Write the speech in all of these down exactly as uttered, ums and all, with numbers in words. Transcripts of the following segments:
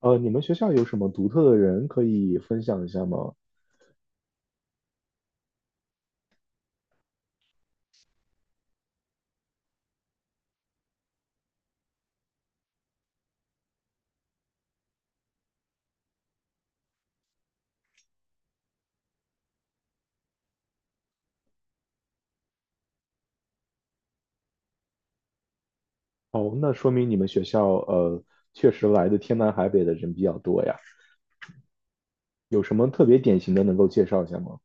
呃，你们学校有什么独特的人可以分享一下吗？哦，那说明你们学校呃确实来的天南海北的人比较多呀。有什么特别典型的能够介绍一下吗？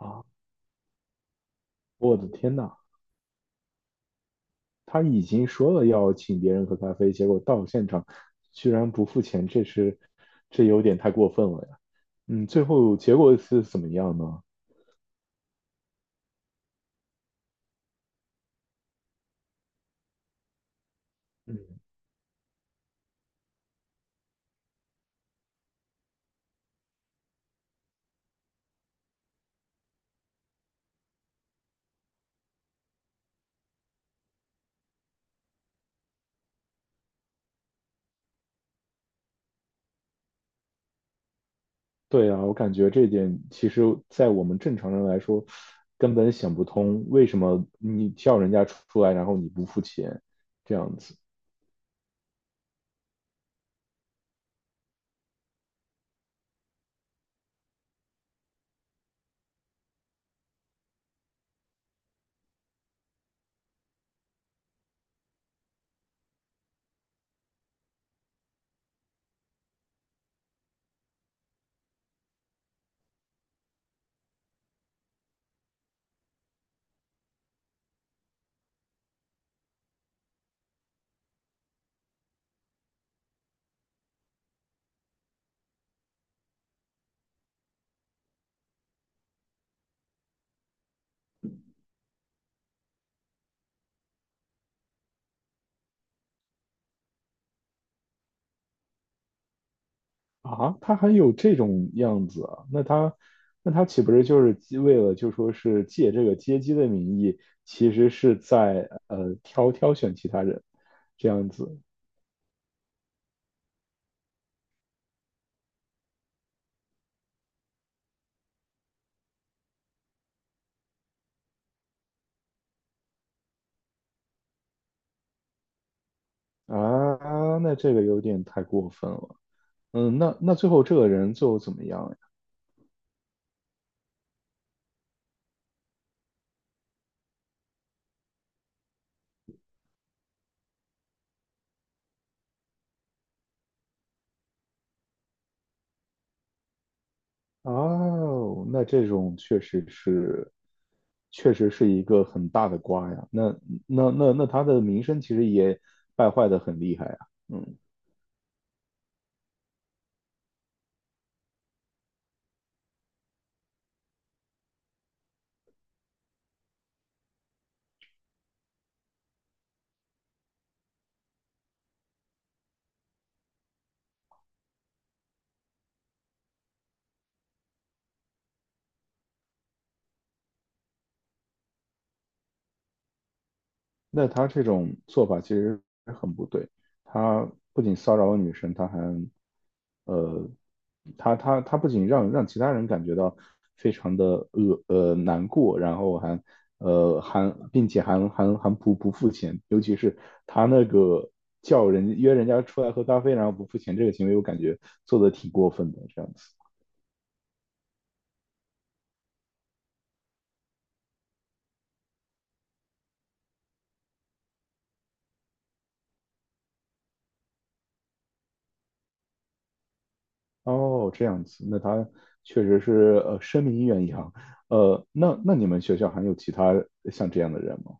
啊，我的天呐，他已经说了要请别人喝咖啡，结果到现场居然不付钱，这是这有点太过分了呀。嗯，最后结果是怎么样呢？嗯，对啊，我感觉这一点其实，在我们正常人来说，根本想不通为什么你叫人家出来，然后你不付钱，这样子。啊？他还有这种样子啊？那他那他岂不是就是为了就说是借这个接机的名义，其实是在呃挑挑选其他人这样子。啊？那这个有点太过分了。嗯，那那最后这个人最后怎么样？哦，那这种确实是，确实是一个很大的瓜呀。那那那那他的名声其实也败坏的很厉害啊。嗯，那他这种做法其实很不对。他不仅骚扰女生，他还，呃，他他他不仅让让其他人感觉到非常的恶呃难过，然后还呃还并且还还还不不付钱，尤其是他那个叫人约人家出来喝咖啡，然后不付钱这个行为，我感觉做的挺过分的这样子。哦，这样子，那他确实是呃声名远扬。呃，那那你们学校还有其他像这样的人吗？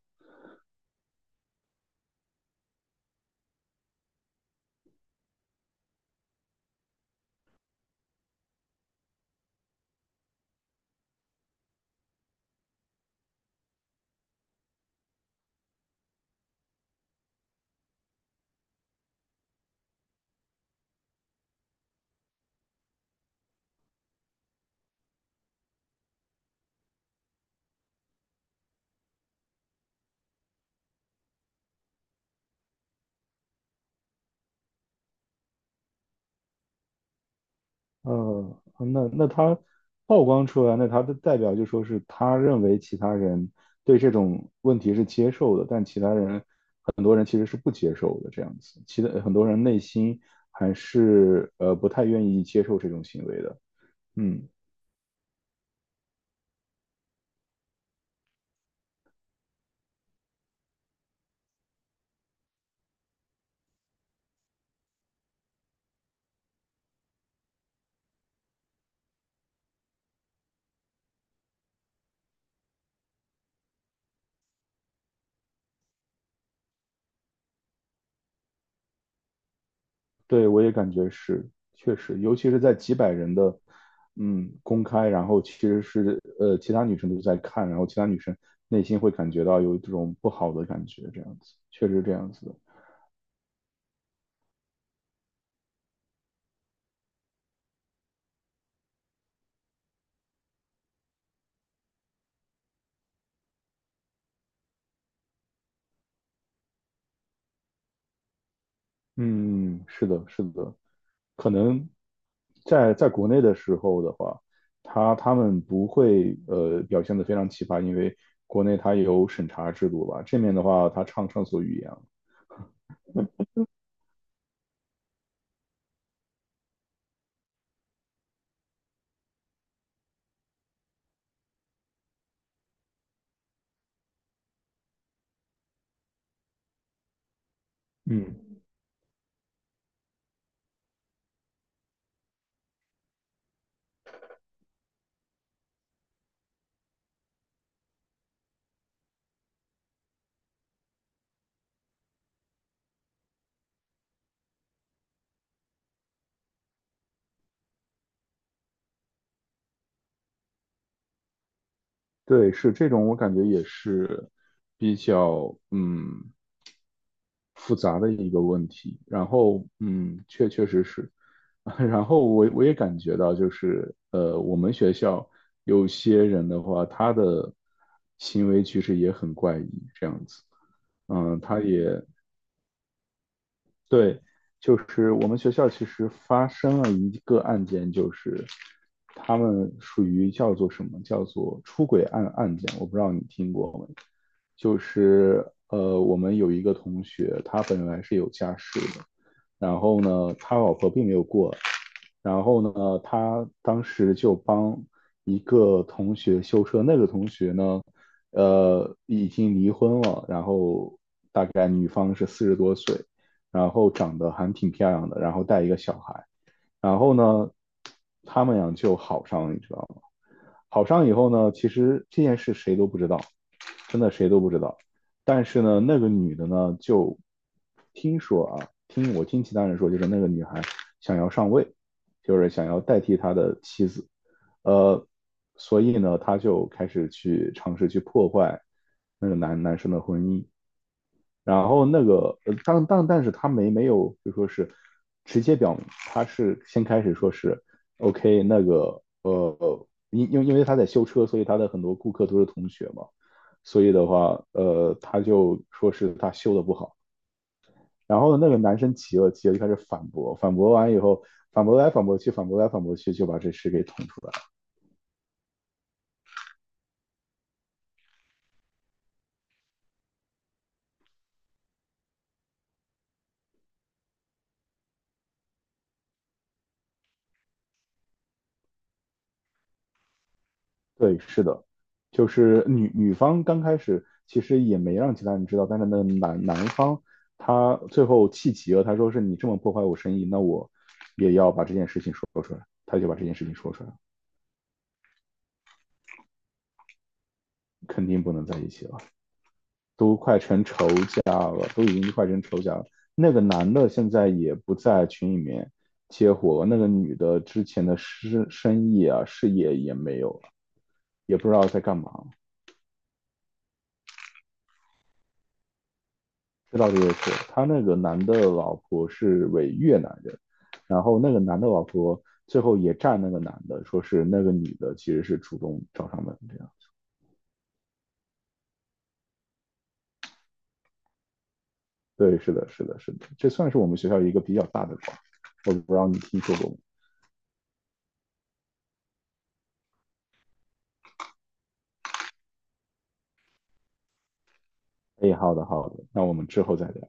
呃，嗯那那他曝光出来，那他的代表就说是他认为其他人对这种问题是接受的，但其他人很多人其实是不接受的这样子，其他很多人内心还是呃不太愿意接受这种行为的。嗯，对，我也感觉是，确实，尤其是在几百人的嗯公开，然后其实是呃其他女生都在看，然后其他女生内心会感觉到有这种不好的感觉，这样子，确实这样子的。嗯，嗯，是的，是的，可能在在国内的时候的话，他他们不会呃表现的非常奇葩，因为国内它有审查制度吧，这面的话，他畅上所欲言。嗯，对，是这种，我感觉也是比较嗯复杂的一个问题。然后嗯，确确实实，然后我我也感觉到，就是呃，我们学校有些人的话，他的行为其实也很怪异，这样子。嗯，他也对，就是我们学校其实发生了一个案件，就是他们属于叫做什么？叫做出轨案案件，我不知道你听过没？就是呃，我们有一个同学，他本来是有家室的，然后呢，他老婆并没有过来。然后呢，他当时就帮一个同学修车，那个同学呢，呃，已经离婚了，然后大概女方是四十多岁，然后长得还挺漂亮的，然后带一个小孩，然后呢，他们俩就好上了，你知道吗？好上以后呢，其实这件事谁都不知道，真的谁都不知道。但是呢，那个女的呢，就听说啊，听我听其他人说，就是那个女孩想要上位，就是想要代替她的妻子，呃，所以呢，她就开始去尝试去破坏那个男男生的婚姻，然后那个，呃当，但但是他没没有就说是直接表明，他是先开始说是 OK 那个呃，因因因为他在修车，所以他的很多顾客都是同学嘛，所以的话，呃，他就说是他修的不好。然后那个男生急了，急了就开始反驳，反驳完以后，反驳来反驳去，反驳来反驳去，就把这事给捅出来。对，是的，就是女女方刚开始其实也没让其他人知道，但是那男男方他最后气急了，他说是你这么破坏我生意，那我也要把这件事情说出来，他就把这件事情说出来了。肯定不能在一起了，都快成仇家了，都已经快成仇家了。那个男的现在也不在群里面接活了，那个女的之前的生生意啊事业也没有了，也不知道在干嘛。这倒是也是，他那个男的老婆是伪越南人，然后那个男的老婆最后也站那个男的，说是那个女的其实是主动找上门这样。对，是的，是的，是的，这算是我们学校一个比较大的瓜，我不知道你听说过吗？哎，好的，好的，那我们之后再聊。